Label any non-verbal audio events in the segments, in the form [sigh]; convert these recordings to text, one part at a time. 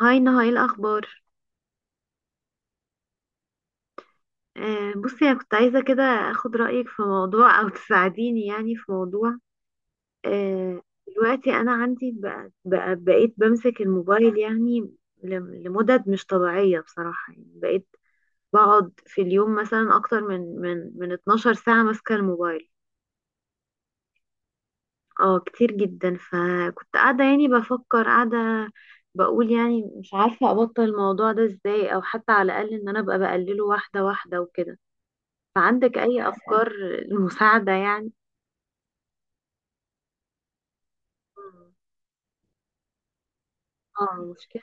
هاي نهى، ايه الاخبار؟ بصي، انا كنت عايزه كده اخد رايك في موضوع او تساعديني، يعني، في موضوع. آه. دلوقتي انا عندي بقى بقيت بمسك الموبايل، يعني لمدد مش طبيعيه بصراحه، يعني بقيت بقعد في اليوم مثلا اكتر من 12 ساعه ماسكه الموبايل. اه كتير جدا، فكنت قاعده يعني بفكر، قاعده بقول، يعني مش عارفه ابطل الموضوع ده ازاي، او حتى على الاقل ان انا ابقى بقلله واحده واحده وكده. فعندك أي أفكار للمساعدة، يعني؟ مم. اه، المشكلة.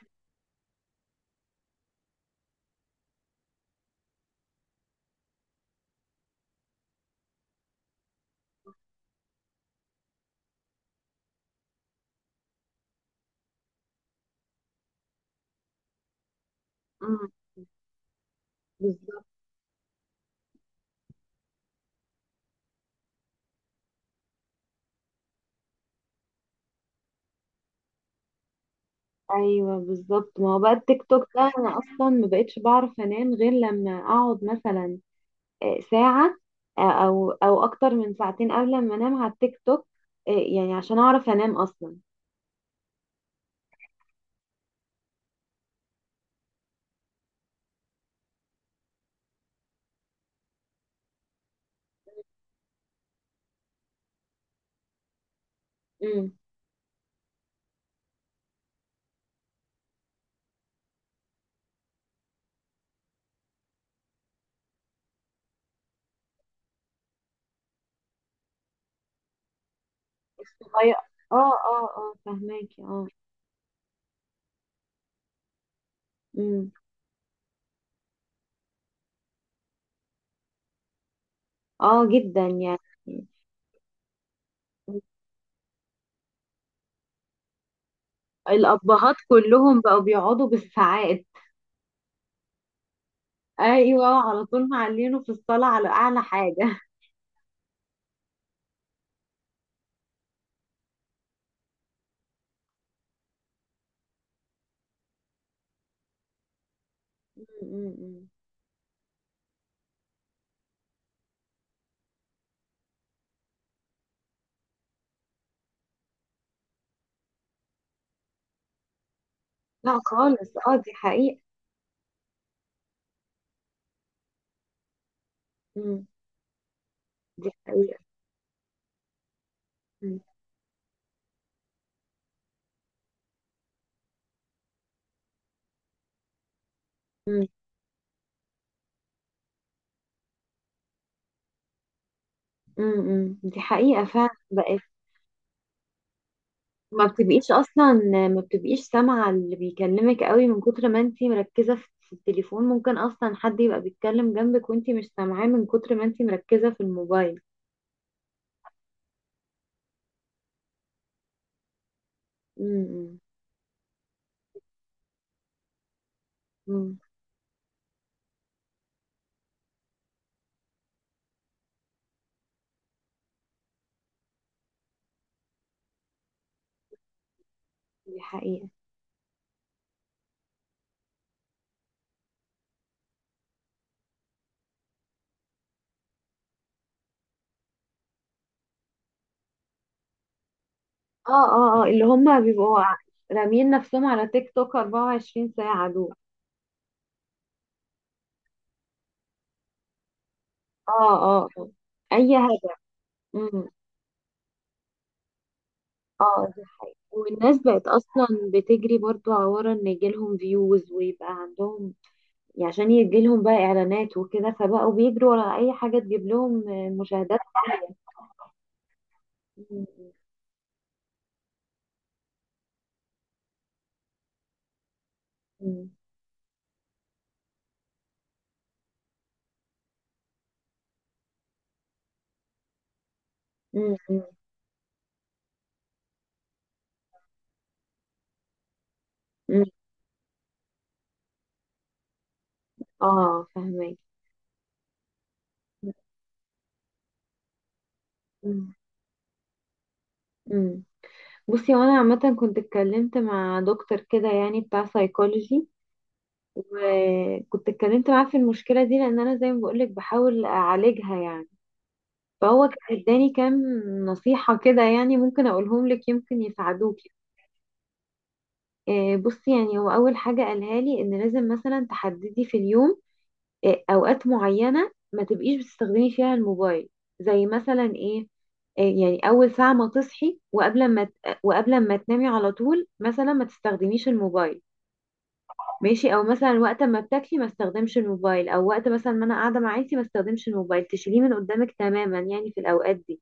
مم. بالظبط. ايوه بالظبط، ما هو بقى التيك توك ده انا اصلا ما بقتش بعرف انام غير لما اقعد مثلا ساعة، او اكتر من ساعتين قبل ما انام على التيك توك، يعني عشان اعرف انام اصلا. مم. غير- اه، اه، اه، فهماكي، اه. امم. اه، جدا يعني. الابهات كلهم بقوا بيقعدوا بالساعات. ايوه، على طول معلينه في الصاله على اعلى حاجه. [laughs] م- م. لا خالص، اه، دي حقيقه. م. دي حقيقه. م- م- م- م. دي حقيقه فعلا بقت. ما بتبقيش اصلا، ما بتبقيش سامعه اللي بيكلمك قوي من كتر ما انتي مركزه في التليفون. ممكن اصلا حد يبقى بيتكلم جنبك وانتي مش سامعاه من كتر ما انتي مركزه في الموبايل. م- مم. دي حقيقة. اه، اه، اه، اللي هم بيبقوا راميين نفسهم على تيك توك 24 ساعة دول. اه، اه، آه. اي هدف. امم. اه، دي حقيقة، والناس بقت اصلا بتجري برضو ورا ان يجيلهم فيوز ويبقى عندهم، يعني عشان يجيلهم بقى اعلانات وكده، فبقوا بيجروا ورا اي حاجة تجيب لهم مشاهدات عالية. مم. مم. مم. مم. اه، فهمك. مم. مم. بصي، وانا عامة كنت اتكلمت مع دكتور كده، يعني بتاع سايكولوجي، وكنت اتكلمت معاه في المشكلة دي لان انا زي ما بقولك بحاول اعالجها، يعني. فهو كان اداني كام نصيحة كده، يعني ممكن اقولهم لك، يمكن يساعدوكي. بصي، يعني هو اول حاجة قالها لي ان لازم مثلا تحددي في اليوم اوقات معينة ما تبقيش بتستخدمي فيها الموبايل. زي مثلا ايه؟ يعني اول ساعة ما تصحي، وقبل ما تنامي على طول، مثلا ما تستخدميش الموبايل. ماشي، او مثلا وقت ما بتاكلي ما استخدمش الموبايل، او وقت مثلا ما انا قاعدة مع عيلتي ما استخدمش الموبايل، تشيليه من قدامك تماما، يعني في الاوقات دي.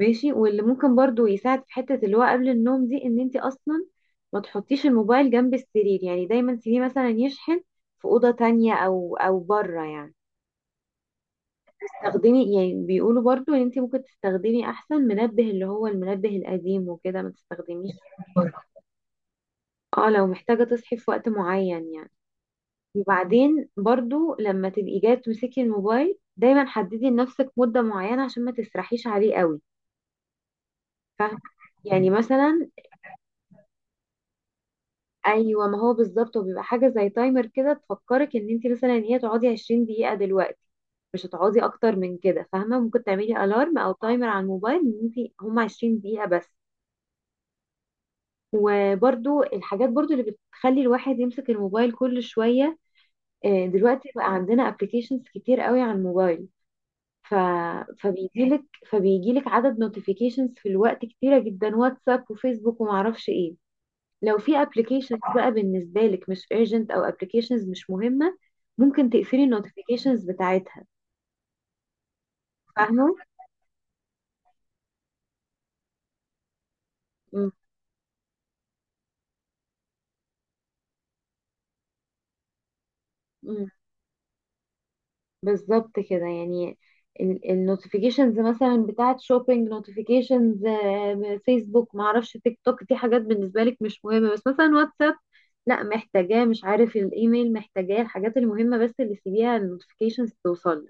ماشي. واللي ممكن برضو يساعد في حتة اللي هو قبل النوم دي ان انت اصلا ما تحطيش الموبايل جنب السرير، يعني دايما تسيبيه مثلا يشحن في أوضة تانية او بره، يعني تستخدمي. يعني بيقولوا برضو ان انت ممكن تستخدمي احسن منبه، اللي هو المنبه القديم، وكده ما تستخدميش، اه، لو محتاجة تصحي في وقت معين، يعني. وبعدين برضو لما تبقي جاية تمسكي الموبايل دايما حددي لنفسك مدة معينة عشان ما تسرحيش عليه قوي، فاهمة؟ يعني مثلا، ايوه، ما هو بالظبط هو بيبقى حاجه زي تايمر كده تفكرك ان انت مثلا هي تقعدي 20 دقيقه دلوقتي، مش هتقعدي اكتر من كده، فاهمه؟ ممكن تعملي الارم او تايمر على الموبايل ان انت هم 20 دقيقه بس. وبرده الحاجات برضو اللي بتخلي الواحد يمسك الموبايل كل شويه، دلوقتي بقى عندنا ابلكيشنز كتير قوي على الموبايل، ف... فبيجيلك عدد نوتيفيكيشنز في الوقت كتيره جدا، واتساب وفيسبوك ومعرفش ايه. لو في applications بقى بالنسبة لك مش urgent أو applications مش مهمة، ممكن تقفلي ال notifications بتاعتها، فاهمة؟ مم. مم. بالظبط كده، يعني ال notifications مثلا بتاعت shopping notifications، فيسبوك، معرفش، تيك توك، دي حاجات بالنسبة لك مش مهمة. بس مثلا واتساب، لا محتاجاه، مش عارف، الايميل محتاجاه، الحاجات المهمة بس اللي سيبيها ال notifications توصل.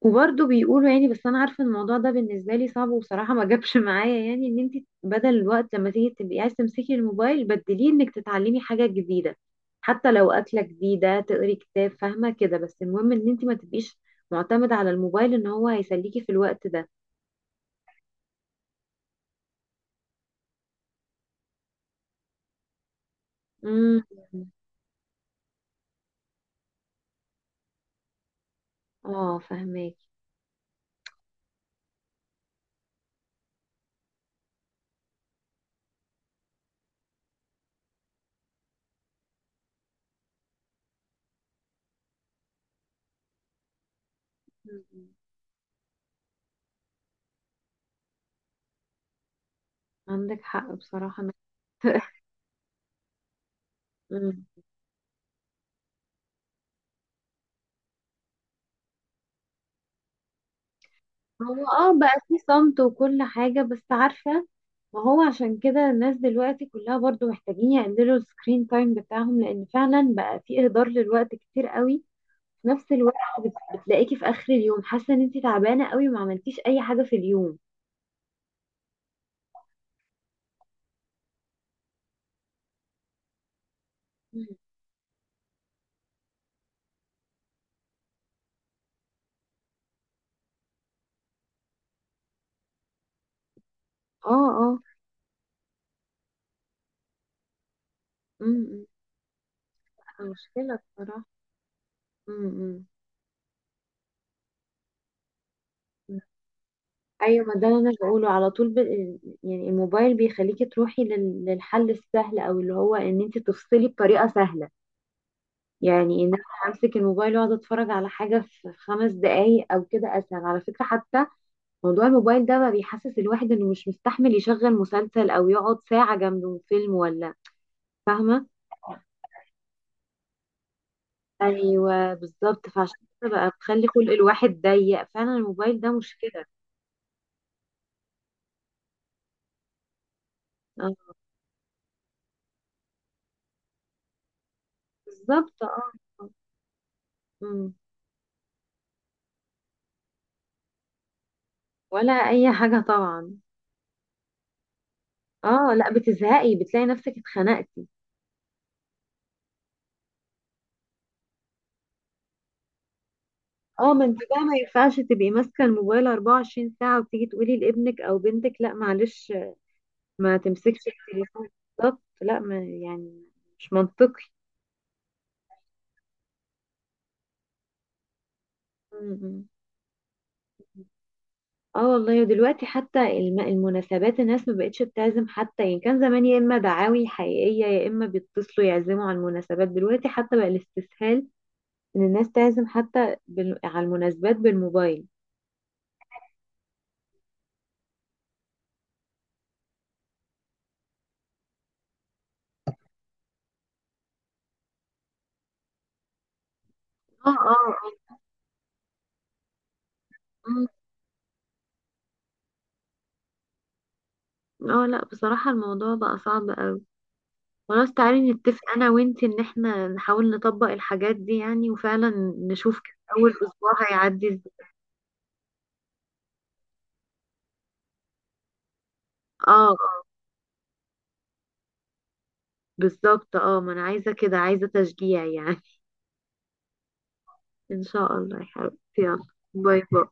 وبرضه بيقولوا، يعني، بس انا عارفه إن الموضوع ده بالنسبه لي صعب وبصراحه ما جابش معايا، يعني، ان انت بدل الوقت لما تيجي تبقي عايز تمسكي الموبايل بدليه انك تتعلمي حاجه جديده، حتى لو اكله جديده، تقري كتاب، فاهمه كده. بس المهم ان انت ما تبقيش معتمده على الموبايل ان هو هيسليكي في الوقت ده. امم. اه، فهماكي. مم. عندك حق بصراحه. [laughs] هو بقى في صمت وكل حاجة. بس عارفة، ما هو عشان كده الناس دلوقتي كلها برضو محتاجين يقللوا السكرين تايم بتاعهم، لان فعلا بقى في اهدار للوقت كتير قوي. في نفس الوقت بتلاقيكي في اخر اليوم حاسة ان انتي تعبانة قوي وما عملتيش اي حاجة في اليوم. مم. اه، اه. امم. مشكلة بصراحة. امم. ايوه، ما ده اللي انا بقوله على طول. يعني الموبايل بيخليكي تروحي للحل السهل، او اللي هو ان انت تفصلي بطريقة سهلة، يعني ان انا امسك الموبايل واقعد اتفرج على حاجه في خمس دقايق او كده، اسهل على فكره حتى. موضوع الموبايل ده بقى بيحسس الواحد انه مش مستحمل يشغل مسلسل او يقعد ساعه جنبه فيلم، ولا فاهمه؟ ايوه بالظبط، فعشان كده بقى بخلي خلق الواحد ضيق فعلا، الموبايل ده مشكله. اه، بالظبط، اه. آه. مم. ولا اي حاجه طبعا. اه لا، بتزهقي بتلاقي نفسك اتخنقتي. اه، ما انت بقى ما ينفعش تبقي ماسكه الموبايل 24 ساعه وتيجي تقولي لابنك او بنتك لا معلش، ما تمسكش التليفون. بالظبط، لا، ما يعني مش منطقي. م. اه والله، ودلوقتي حتى المناسبات الناس ما بقتش بتعزم حتى، يعني كان زمان يا اما دعاوي حقيقية يا اما بيتصلوا يعزموا على المناسبات. دلوقتي حتى بقى الاستسهال ان الناس تعزم حتى على المناسبات بالموبايل. اه، اه، اه، م. اه لا، بصراحة الموضوع بقى صعب قوي. خلاص، تعالي نتفق انا وانتي ان احنا نحاول نطبق الحاجات دي، يعني، وفعلا نشوف كده اول اسبوع هيعدي ازاي. اه، اه، بالظبط، اه، ما انا عايزة كده، عايزة تشجيع يعني. [laughs] ان شاء الله يا حبيبتي، يلا. باي باي.